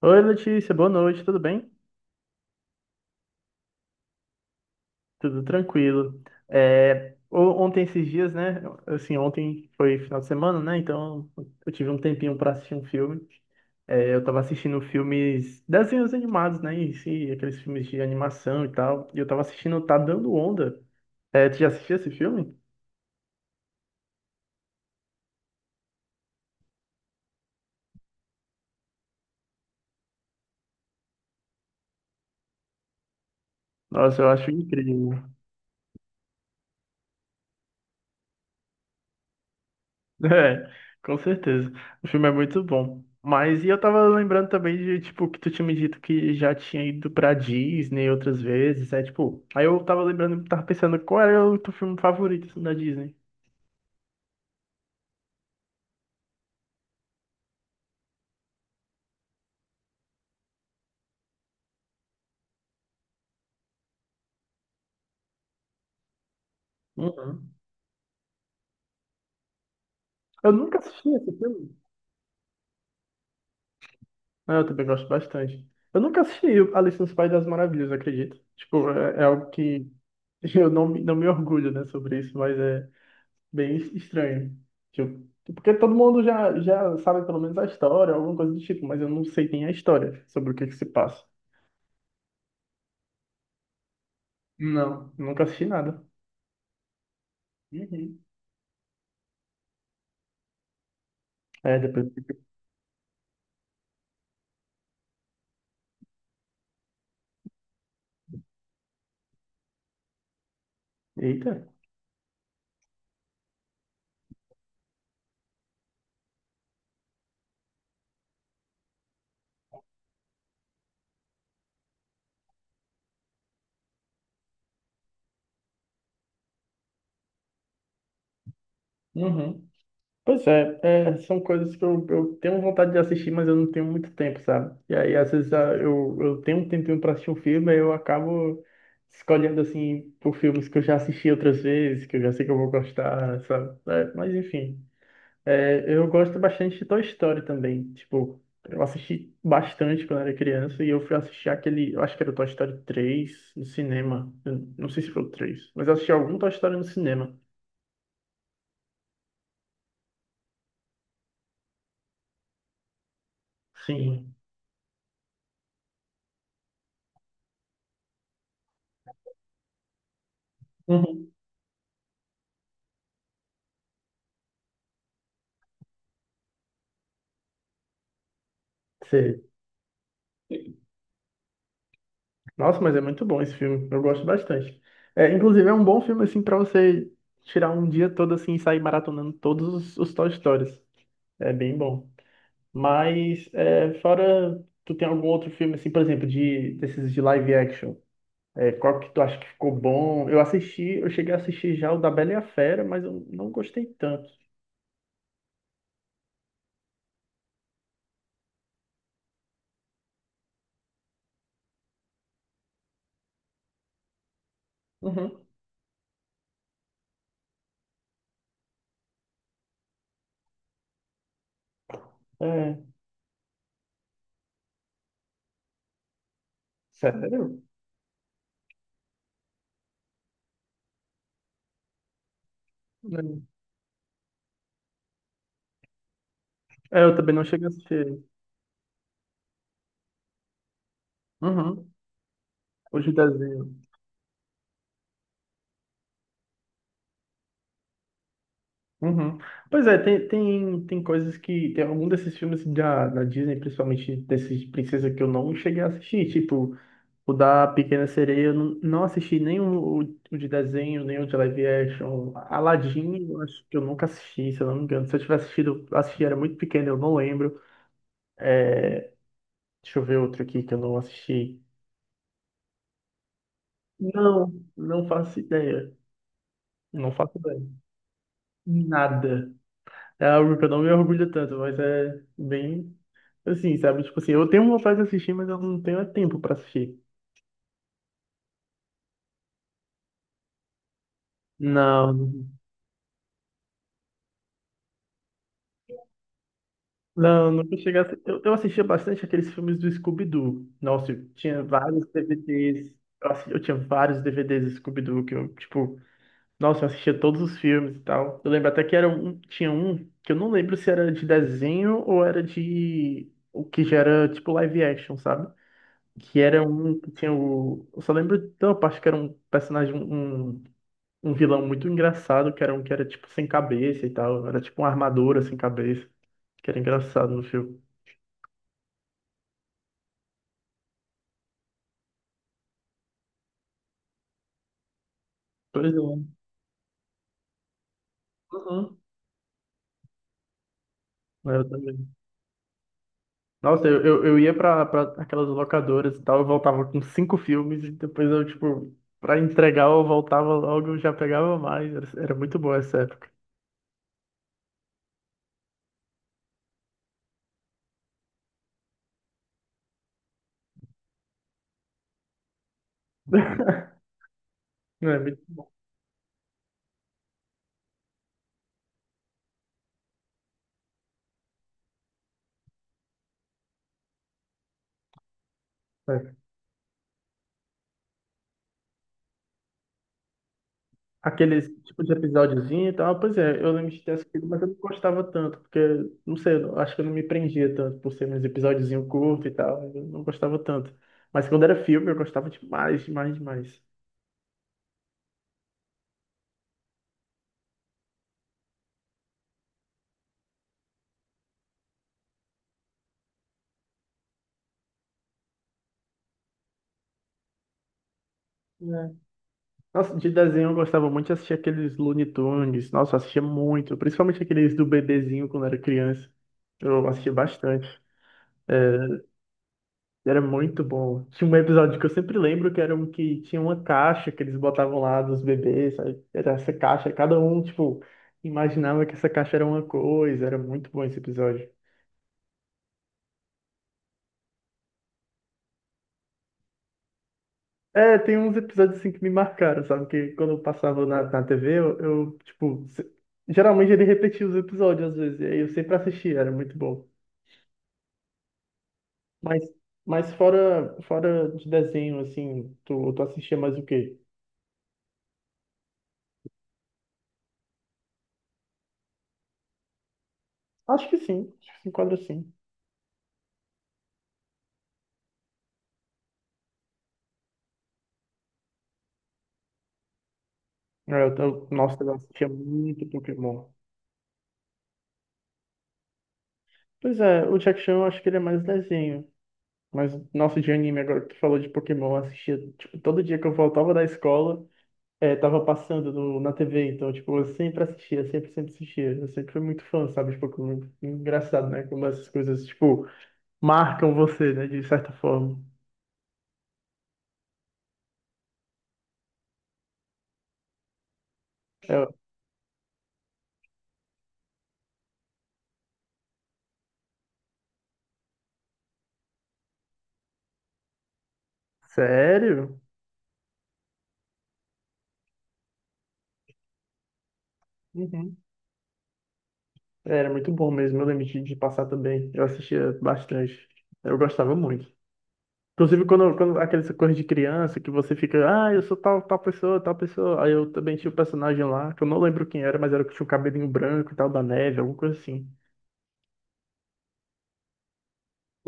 Oi, Letícia, boa noite, tudo bem? Tudo tranquilo. Ontem, esses dias, né? Assim, ontem foi final de semana, né? Então eu tive um tempinho para assistir um filme. Eu tava assistindo filmes, desenhos animados, né? E, sim, aqueles filmes de animação e tal. E eu tava assistindo Tá Dando Onda. É, tu já assistiu esse filme? Nossa, eu acho incrível. É, com certeza. O filme é muito bom. Mas e eu tava lembrando também de, tipo, que tu tinha me dito que já tinha ido pra Disney outras vezes, é tipo, aí eu tava lembrando, tava pensando qual era o teu filme favorito assim, da Disney. Uhum. Eu nunca assisti esse filme. Ah, eu também gosto bastante. Eu nunca assisti Alice no País das Maravilhas, acredito. Tipo, é algo que eu não, me- não me orgulho, né, sobre isso, mas é, bem estranho. Tipo, porque todo mundo já sabe pelo menos a história, alguma coisa do tipo, mas eu não sei nem a história, sobre o que que se passa. Não, nunca assisti nada. Uhum. É, depois. Eita. Uhum. Pois é, são coisas que eu tenho vontade de assistir, mas eu não tenho muito tempo, sabe? E aí, às vezes, ah, eu tenho um tempinho para assistir um filme, aí eu acabo escolhendo, assim, por filmes que eu já assisti outras vezes, que eu já sei que eu vou gostar, sabe? É, mas, enfim, é, eu gosto bastante de Toy Story também. Tipo, eu assisti bastante quando era criança e eu fui assistir aquele, eu acho que era o Toy Story 3 no cinema. Eu não sei se foi o 3, mas eu assisti algum Toy Story no cinema. Sim. Uhum. Sei. Nossa, mas é muito bom esse filme. Eu gosto bastante. É, inclusive é um bom filme assim para você tirar um dia todo assim e sair maratonando todos os Toy Stories. É bem bom. Mas é, fora, tu tem algum outro filme assim, por exemplo, de desses de live action? É, qual que tu acha que ficou bom? Eu assisti, eu cheguei a assistir já o da Bela e a Fera, mas eu não gostei tanto. Uhum. É, sério? É, eu também não cheguei a assistir. Uhum. Hoje desenho. Uhum. Pois é, tem coisas que. Tem algum desses filmes da, da Disney, principalmente desses princesa que eu não cheguei a assistir. Tipo, o da Pequena Sereia, eu não, não assisti nem o, o de desenho, nem o de live action. Aladdin, eu acho que eu nunca assisti, se eu não me engano. Se eu tivesse assistido, eu assisti, era muito pequeno, eu não lembro. Deixa eu ver outro aqui que eu não assisti. Não, não faço ideia. Não faço ideia. Nada. É algo que eu não me orgulho tanto, mas é bem assim, sabe? Tipo assim, eu tenho vontade de assistir, mas eu não tenho tempo pra assistir. Não, não, nunca cheguei a... assi- eu assistia bastante aqueles filmes do Scooby-Doo. Nossa, eu tinha vários DVDs. Eu, assi- eu tinha vários DVDs do Scooby-Doo que eu, tipo, nossa, eu assistia todos os filmes e tal. Eu lembro até que era um, tinha um que eu não lembro se era de desenho ou era de o que já era tipo live action, sabe? Que era um que tinha o. Eu só lembro de uma parte que era um personagem, um um vilão muito engraçado, que era um que era tipo sem cabeça e tal. Era tipo uma armadura sem cabeça, que era engraçado no filme. Pois é. Uhum. Eu também. Nossa, eu ia pra aquelas locadoras e tal, eu voltava com cinco filmes e depois eu, tipo, pra entregar eu voltava logo, eu já pegava mais. Era, era muito boa essa época. Não, é muito bom. É. Aqueles tipo de episódiozinho e tal, pois é, eu lembro de ter assistido, mas eu não gostava tanto, porque, não sei, eu acho que eu não me prendia tanto por ser uns episódiozinho curto e tal, eu não gostava tanto. Mas quando era filme, eu gostava demais, demais, demais. Nossa, de desenho eu gostava muito de assistir aqueles Looney Tunes. Nossa, eu assistia muito. Principalmente aqueles do bebezinho quando era criança. Eu assistia bastante. É, era muito bom. Tinha um episódio que eu sempre lembro que era um que tinha uma caixa que eles botavam lá dos bebês. Aí era essa caixa. Cada um, tipo, imaginava que essa caixa era uma coisa. Era muito bom esse episódio. É, tem uns episódios assim que me marcaram, sabe? Que quando eu passava na TV, tipo, se- geralmente ele repetia os episódios às vezes. E aí eu sempre assistia, era muito bom. Mas, fora de desenho, assim, tu assistia mais o quê? Acho que sim, acho que se enquadra sim. É, nossa, eu assistia muito Pokémon. Pois é, o Jack Chan eu acho que ele é mais desenho. Mas, nossa, de anime, agora que tu falou de Pokémon, eu assistia, tipo, todo dia que eu voltava da escola, é, tava passando no, na TV, então, tipo, eu sempre assistia, sempre assistia. Eu sempre fui muito fã, sabe, de Pokémon. Engraçado, né, como essas coisas, tipo, marcam você, né, de certa forma. É, sério? Uhum. Era muito bom mesmo, eu lembro de passar também. Eu assistia bastante. Eu gostava muito. Inclusive, quando aquelas coisas de criança que você fica, ah, eu sou tal, tal pessoa, tal pessoa. Aí eu também tinha o um personagem lá, que eu não lembro quem era, mas era o que tinha o cabelinho branco e tal, da neve, alguma coisa assim.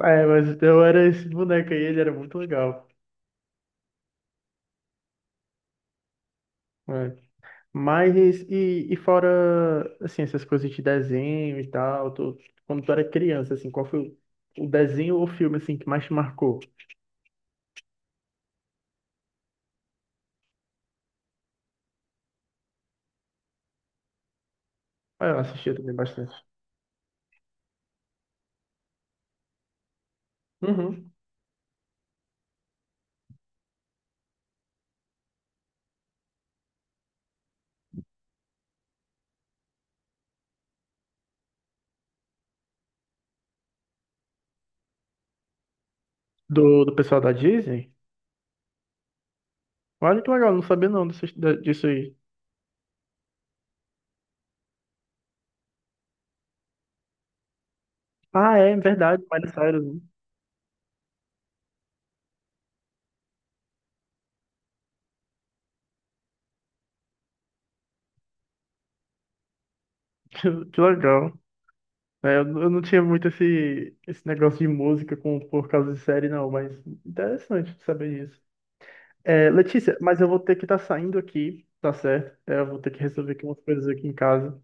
É, mas eu era esse boneco aí, ele era muito legal. É. Mas, e fora, assim, essas coisas de desenho e tal, tu- quando tu era criança, assim, qual foi o desenho ou filme, assim, que mais te marcou? Ah, eu assistia também bastante. Uhum. Do, do pessoal da Disney? Olha que legal, não sabia não disso, da- disso aí. Ah, é, é verdade, Miley Cyrus. Que legal. É, eu não tinha muito esse, esse negócio de música com, por causa de série, não, mas interessante saber disso. É, Letícia, mas eu vou ter que estar saindo aqui, tá certo? É, eu vou ter que resolver aqui umas coisas aqui em casa.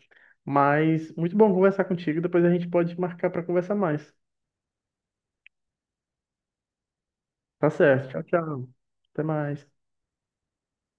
Mas muito bom conversar contigo, depois a gente pode marcar para conversar mais. Tá certo, tchau, tchau. Até mais.